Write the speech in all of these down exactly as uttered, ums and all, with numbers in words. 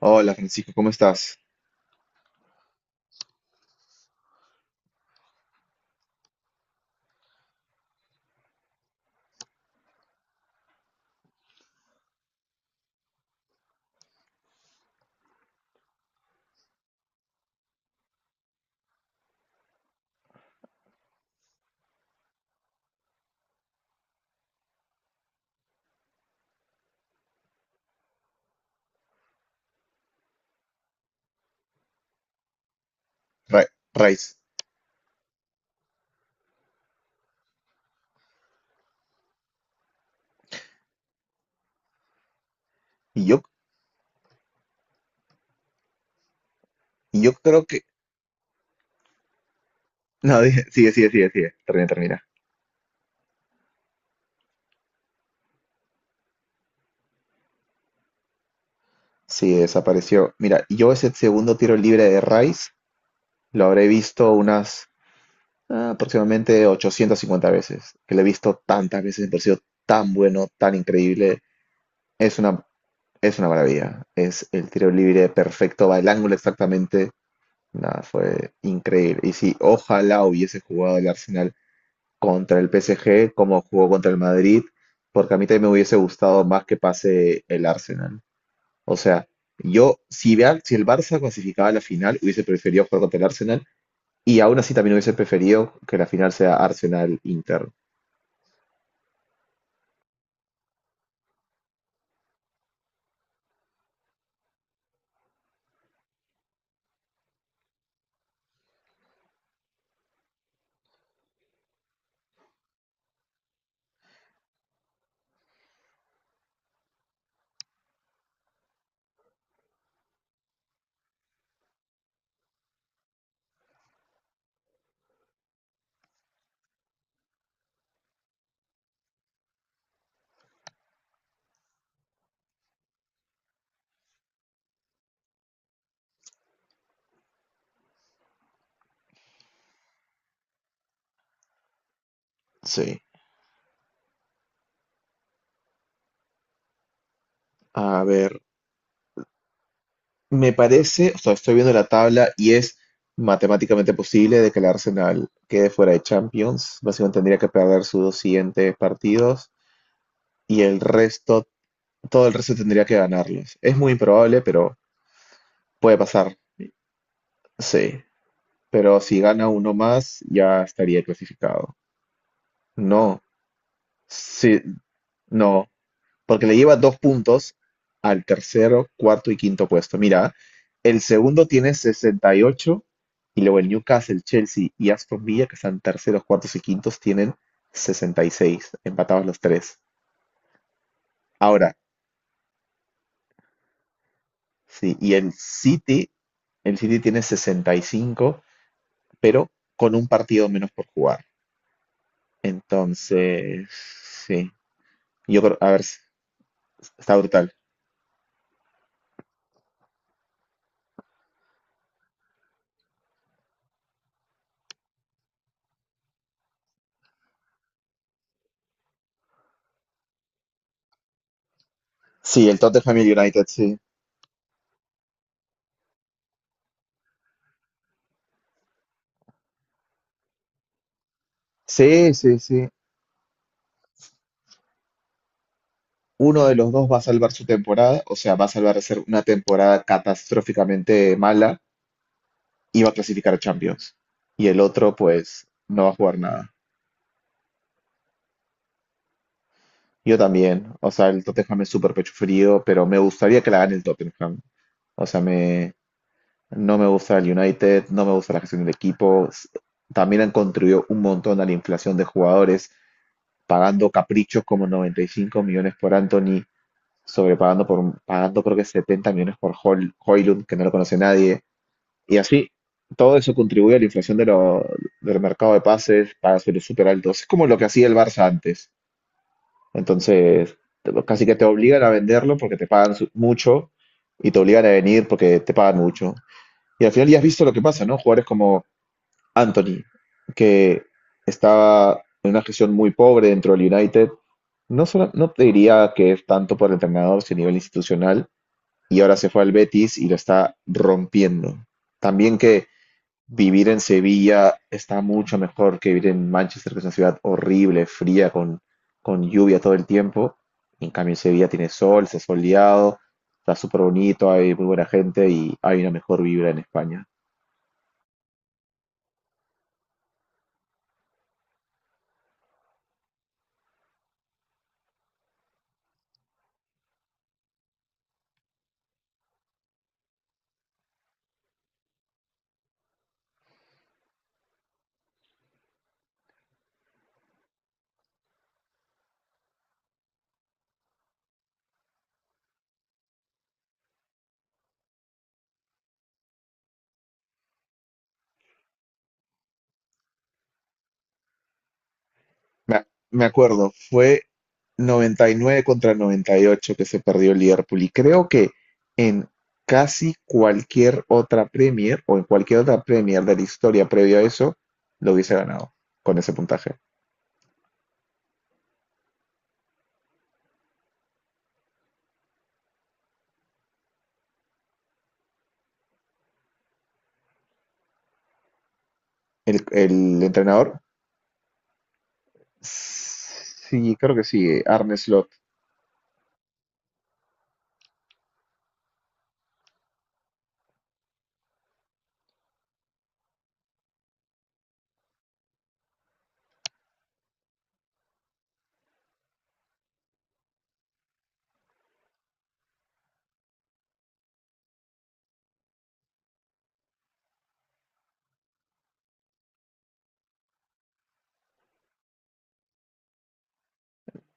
Hola Francisco, ¿cómo estás? Ra- Raiz. Y yo, y yo creo que No, dije- sigue, sigue, sigue, sigue. Termina, termina. Sí, desapareció. Mira, yo ese segundo tiro libre de Rice lo habré visto unas ah, aproximadamente ochocientas cincuenta veces. Que lo he visto tantas veces, me pareció tan bueno, tan increíble. Es una, es una maravilla. Es el tiro libre perfecto, va el ángulo exactamente. Nada, fue increíble. Y si ojalá hubiese jugado el Arsenal contra el P S G como jugó contra el Madrid, porque a mí también me hubiese gustado más que pase el Arsenal. O sea, yo, si, vea- si el Barça clasificaba a la final, hubiese preferido jugar contra el Arsenal y aún así también hubiese preferido que la final sea Arsenal-Inter. Sí. A ver, me parece, o sea, estoy viendo la tabla y es matemáticamente posible de que el Arsenal quede fuera de Champions. Básicamente tendría que perder sus dos siguientes partidos y el resto todo el resto tendría que ganarlos. Es muy improbable, pero puede pasar, sí. Pero si gana uno más, ya estaría clasificado. No, sí, no, porque le lleva dos puntos al tercero, cuarto y quinto puesto. Mira, el segundo tiene sesenta y ocho y ocho y luego el Newcastle, Chelsea y Aston Villa, que están terceros, cuartos y quintos, tienen sesenta y seis, empatados los tres. Ahora, sí, y el City, el City tiene sesenta y cinco pero con un partido menos por jugar. Entonces, sí, yo creo, a ver, está brutal. Sí, el Tottenham y el United, sí. Sí, sí, sí. Uno de los dos va a salvar su temporada, o sea, va a salvar de ser una temporada catastróficamente mala y va a clasificar a Champions. Y el otro, pues, no va a jugar nada. Yo también, o sea, el Tottenham es súper pecho frío, pero me gustaría que la gane el Tottenham. O sea, me, No me gusta el United, no me gusta la gestión del equipo. S- También han contribuido un montón a la inflación de jugadores, pagando caprichos como 95 millones por Anthony, sobrepagando por, un- pagando creo que 70 millones por Hoy- Højlund, que no lo conoce nadie. Y así, todo eso contribuye a la inflación de lo- del mercado de pases, pagas sueldos súper altos. Es como lo que hacía el Barça antes. Entonces, te- casi que te obligan a venderlo porque te pagan su- mucho y te obligan a venir porque te pagan mucho. Y al final ya has visto lo que pasa, ¿no? Jugadores como Anthony, que estaba en una gestión muy pobre dentro del United, no solo, no te diría que es tanto por el entrenador, sino a nivel institucional, y ahora se fue al Betis y lo está rompiendo. También que vivir en Sevilla está mucho mejor que vivir en Manchester, que es una ciudad horrible, fría, con, con lluvia todo el tiempo. En cambio, en Sevilla tiene sol, se ha soleado, está súper bonito, hay muy buena gente y hay una mejor vibra en España. Me, ac- me acuerdo, fue noventa y nueve contra noventa y ocho que se perdió el Liverpool. Y creo que en casi cualquier otra Premier o en cualquier otra Premier de la historia previo a eso, lo hubiese ganado con ese puntaje. El, el entrenador, sí, creo que sí, Arne Slot,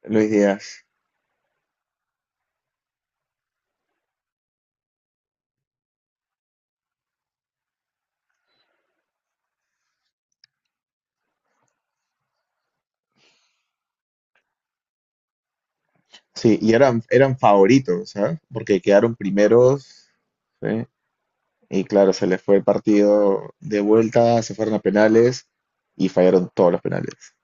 Luis Díaz. Sí, y eran, eran favoritos, ¿sabes? Porque quedaron primeros. Sí. Y claro, se les fue el partido de vuelta, se fueron a penales y fallaron todos los penales.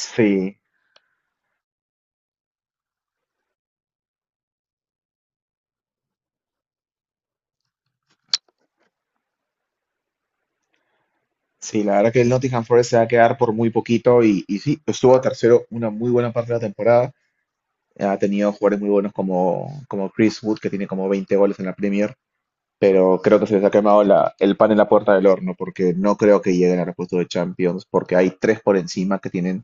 Sí, sí, la verdad que el Nottingham Forest se va a quedar por muy poquito y, y sí, estuvo tercero una muy buena parte de la temporada. Ha tenido jugadores muy buenos como, como Chris Wood, que tiene como veinte goles en la Premier, pero creo que se les ha quemado la- el pan en la puerta del horno, porque no creo que lleguen a los puestos de Champions, porque hay tres por encima que tienen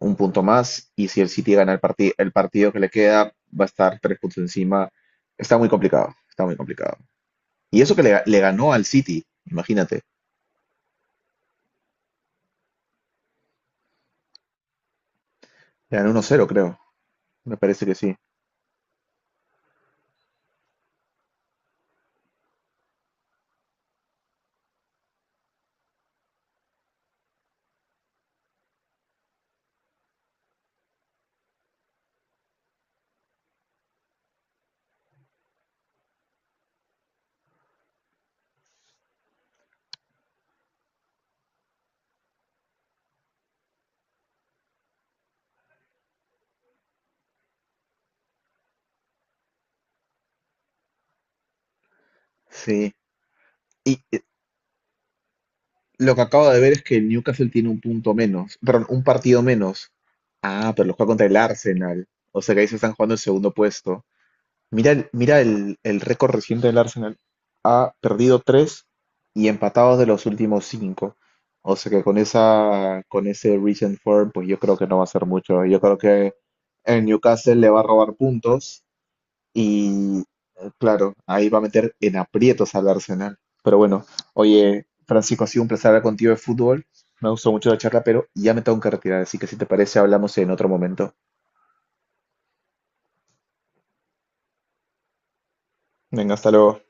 un punto más y si el City gana el, parti- el partido que le queda, va a estar tres puntos encima. Está muy complicado, está muy complicado. Y eso que le, ga- le ganó al City, imagínate. Le ganó uno cero creo. Me parece que sí. Sí. Y eh, lo que acabo de ver es que el Newcastle tiene un punto menos, perdón, un partido menos. Ah, pero lo juega contra el Arsenal. O sea que ahí se están jugando el segundo puesto. Mira, el- mira el, el récord reciente del Arsenal. Ha perdido tres y empatados de los últimos cinco. O sea que con esa, con ese recent form, pues yo creo que no va a ser mucho. Yo creo que el Newcastle le va a robar puntos y, eh, claro, ahí va a meter en aprietos al Arsenal. Pero bueno, oye, Francisco, ha sido un placer hablar contigo de fútbol. Me gustó mucho la charla, pero ya me tengo que retirar. Así que si te parece, hablamos en otro momento. Venga, hasta luego.